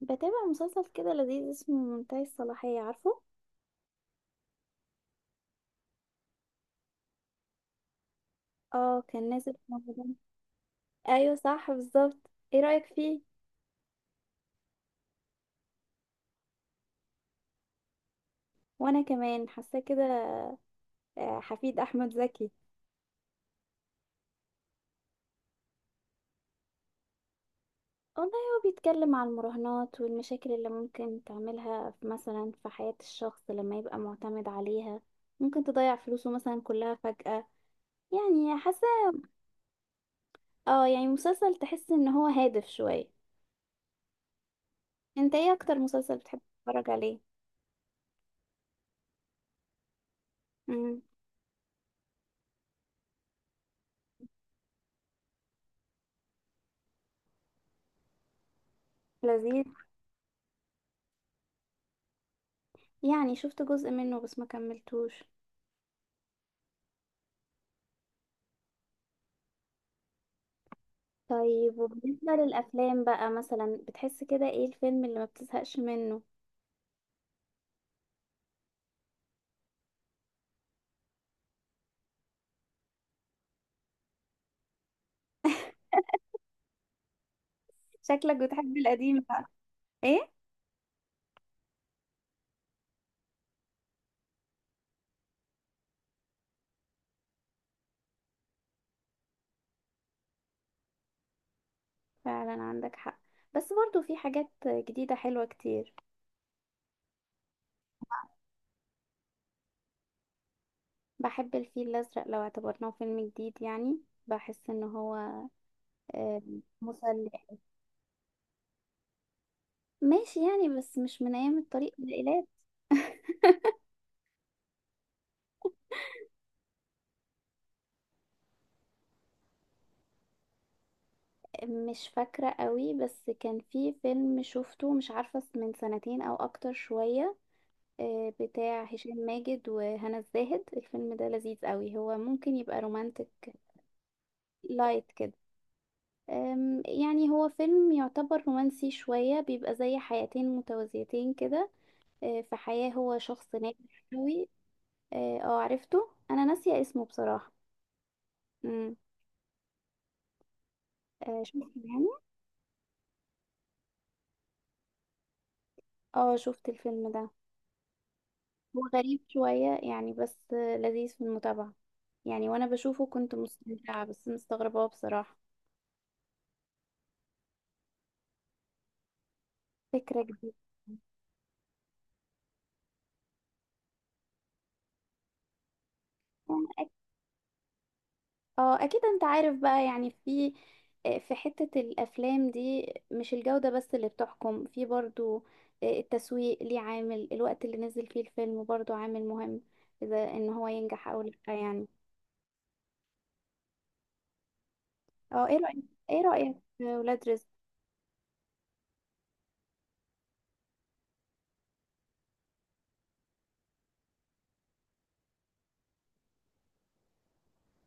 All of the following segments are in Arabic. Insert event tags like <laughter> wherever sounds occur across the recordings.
بتابع مسلسل كده لذيذ اسمه منتهي الصلاحية عارفه. اه، كان نازل في رمضان. ايوه صح بالظبط، ايه رأيك فيه؟ وانا كمان حاساه كده. حفيد احمد زكي. والله هو بيتكلم عن المراهنات والمشاكل اللي ممكن تعملها مثلا في حياة الشخص لما يبقى معتمد عليها. ممكن تضيع فلوسه مثلا كلها فجأة، يعني حاسه. اه يعني مسلسل تحس ان هو هادف شوية. انت ايه اكتر مسلسل بتحب تتفرج عليه؟ امم لذيذ. يعني شفت جزء منه بس ما كملتوش. طيب وبالنسبة للأفلام بقى، مثلا بتحس كده ايه الفيلم اللي ما بتزهقش منه؟ شكلك بتحب القديم بقى. ايه، فعلا عندك حق، بس برضو في حاجات جديدة حلوة كتير. بحب الفيل الأزرق لو اعتبرناه فيلم جديد يعني. بحس ان هو آه، مسلي. ماشي يعني، بس مش من ايام الطريق الى. مش فاكرة قوي، بس كان في فيلم شفته مش عارفة من سنتين او اكتر شوية، بتاع هشام ماجد وهنا الزاهد. الفيلم ده لذيذ قوي، هو ممكن يبقى رومانتك لايت كده. يعني هو فيلم يعتبر رومانسي شوية، بيبقى زي حياتين متوازيتين كده. في حياة هو شخص ناجح قوي. اه عرفته، انا ناسية اسمه بصراحة. امم شفت يعني. اه شفت الفيلم ده. هو غريب شوية يعني، بس لذيذ في المتابعة. يعني وانا بشوفه كنت مستمتعة، بس مستغربة بصراحة. فكرة جديدة. اه اكيد، انت عارف بقى يعني، في حتة الافلام دي مش الجودة بس اللي بتحكم، في برضو التسويق ليه، عامل الوقت اللي نزل فيه الفيلم برضو عامل مهم اذا ان هو ينجح او لا يعني. اه ايه رأيك؟ ايه رأيك في ولاد رزق؟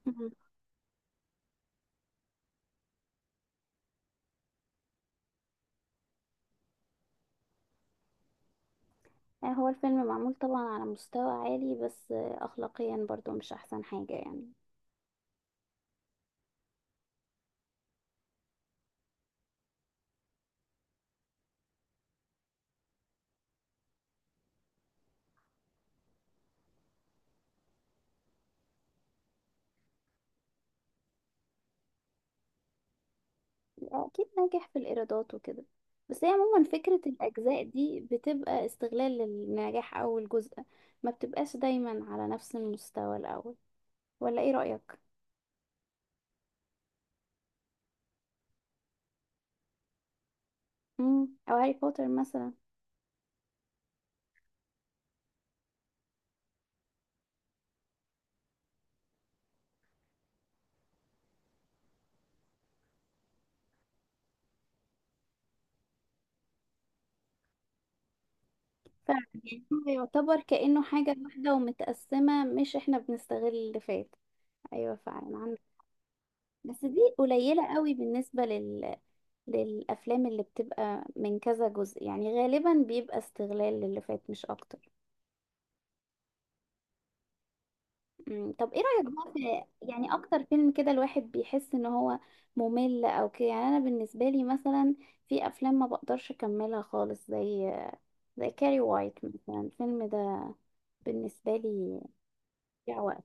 مهم. هو الفيلم معمول طبعا على مستوى عالي، بس اخلاقيا برضو مش احسن حاجة يعني. أكيد ناجح في الإيرادات وكده، بس هي عموما فكرة الأجزاء دي بتبقى استغلال للنجاح أول جزء، ما بتبقاش دايما على نفس المستوى الأول. ولا إيه رأيك؟ أو هاري بوتر مثلا. فعلا، يعني هو يعتبر كأنه حاجة واحدة ومتقسمة، مش إحنا بنستغل اللي فات. أيوة فعلا عندك. بس دي قليلة قوي بالنسبة لل، للأفلام اللي بتبقى من كذا جزء، يعني غالبا بيبقى استغلال للي فات مش أكتر. طب ايه رأيك بقى في، يعني اكتر فيلم كده الواحد بيحس ان هو ممل او كده يعني. انا بالنسبة لي مثلا، في افلام ما بقدرش اكملها خالص، زي كاري وايت مثلا. الفيلم ده بالنسبة لي ضيع وقت،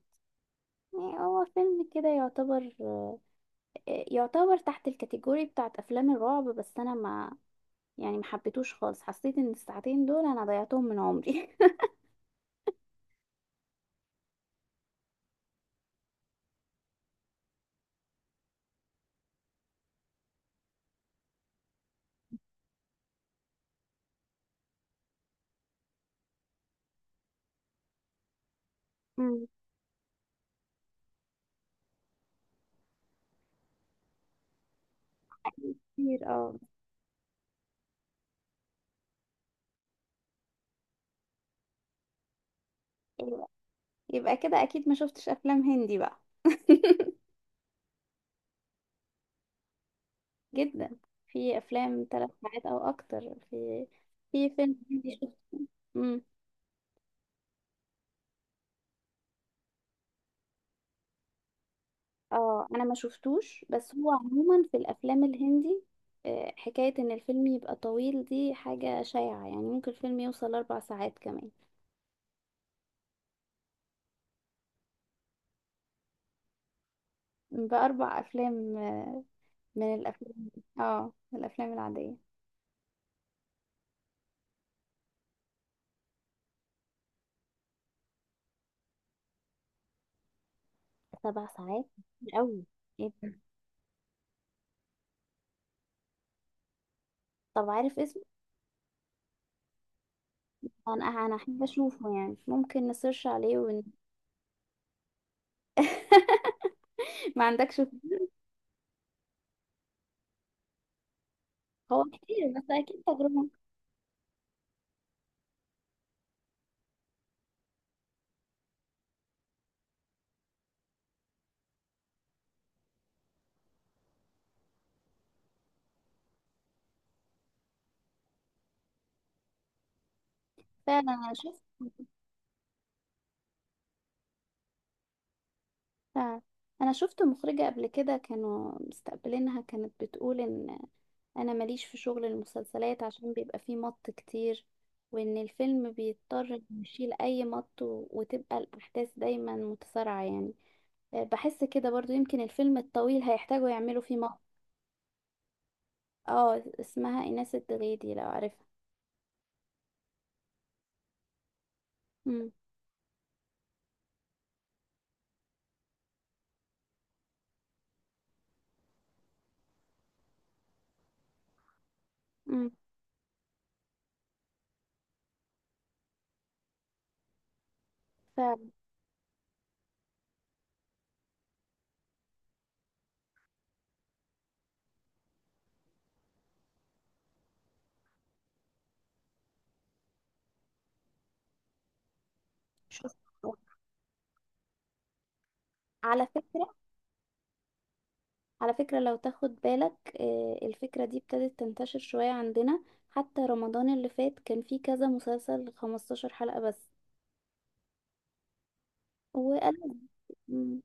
يعني هو فيلم كده يعتبر تحت الكاتيجوري بتاعت افلام الرعب، بس انا ما، يعني ما حبيتوش خالص. حسيت ان الساعتين دول انا ضيعتهم من عمري. <laughs> مم. كتير اه. يبقى كده اكيد ما شفتش افلام هندي بقى. <laughs> جدا، في افلام ثلاث ساعات او اكتر. في فيلم هندي شفت. امم اه انا ما شفتوش، بس هو عموما في الافلام الهندي حكاية ان الفيلم يبقى طويل دي حاجة شائعة يعني، ممكن الفيلم يوصل اربع ساعات كمان. باربع افلام، من الافلام. اه من الافلام العادية. سبع ساعات؟ كتير قوي. إيه ده؟ طب عارف اسمه؟ انا احب اشوفه يعني، ممكن نسيرش عليه ون. <laughs> ما عندكش فضول؟ هو كتير بس اكيد تجربة. فعلا انا شفت. فعلا انا شفت مخرجة قبل كده كانوا مستقبلينها، كانت بتقول ان انا ماليش في شغل المسلسلات عشان بيبقى فيه مط كتير، وان الفيلم بيضطر إنه يشيل اي مط وتبقى الاحداث دايما متسارعة يعني. بحس كده برضو، يمكن الفيلم الطويل هيحتاجوا يعملوا فيه مط. اه اسمها ايناس الدغيدي لو عارفها. امم امم فعلا شفت. على فكرة، لو تاخد بالك الفكرة دي ابتدت تنتشر شوية عندنا، حتى رمضان اللي فات كان فيه كذا مسلسل 15 حلقة بس. وقال مم،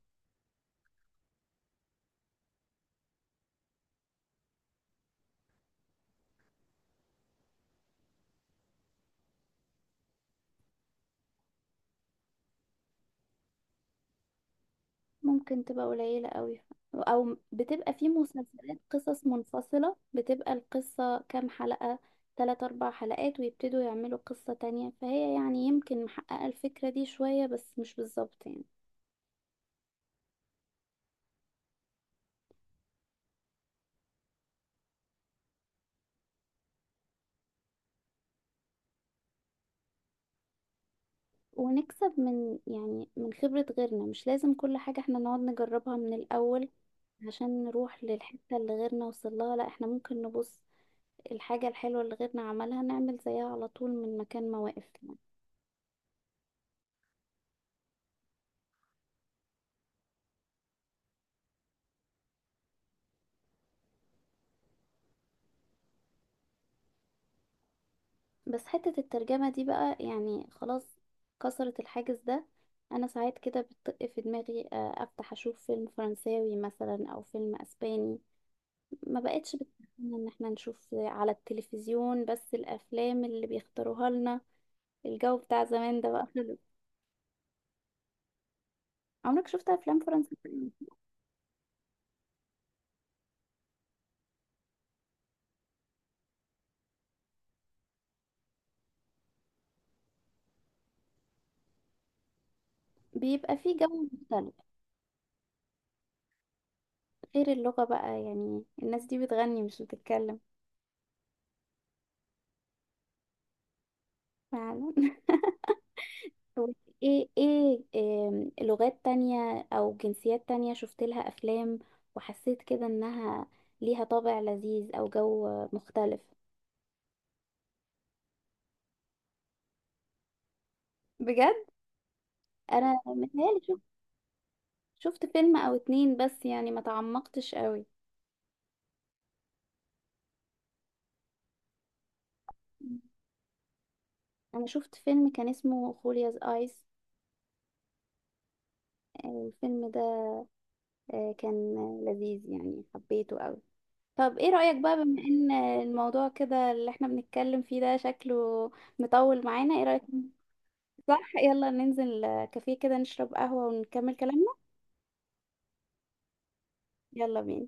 ممكن تبقى قليلة قوي، او بتبقى فيه مسلسلات قصص منفصلة، بتبقى القصة كام حلقة، تلات اربع حلقات، ويبتدوا يعملوا قصة تانية. فهي يعني يمكن محققة الفكرة دي شوية بس مش بالظبط يعني. ونكسب من يعني من خبرة غيرنا، مش لازم كل حاجة احنا نقعد نجربها من الأول، عشان نروح للحتة اللي غيرنا وصلها. لا احنا ممكن نبص الحاجة الحلوة اللي غيرنا عملها، نعمل زيها على طول من مكان ما واقف يعني. بس حتة الترجمة دي بقى، يعني خلاص كسرت الحاجز ده. انا ساعات كده بتطق في دماغي افتح اشوف فيلم فرنساوي مثلا، او فيلم اسباني. ما بقتش بتمنى ان احنا نشوف على التلفزيون بس الافلام اللي بيختاروها لنا. الجو بتاع زمان ده بقى خلص. عمرك شفت افلام فرنساوي؟ بيبقى فيه جو مختلف، غير اللغة بقى، يعني الناس دي بتغني مش بتتكلم. فعلا <laughs> طب ايه لغات تانية او جنسيات تانية شفت لها افلام، وحسيت كده انها ليها طابع لذيذ او جو مختلف؟ بجد؟ انا متهيألي شفت. شفت فيلم او اتنين بس يعني، ما تعمقتش قوي. انا شفت فيلم كان اسمه خولياز ايس، الفيلم ده كان لذيذ يعني، حبيته قوي. طب ايه رأيك بقى، بما ان الموضوع كده اللي احنا بنتكلم فيه ده شكله مطول معانا؟ ايه رأيك؟ صح، يلا ننزل كافيه كده، نشرب قهوة ونكمل كلامنا. يلا بينا.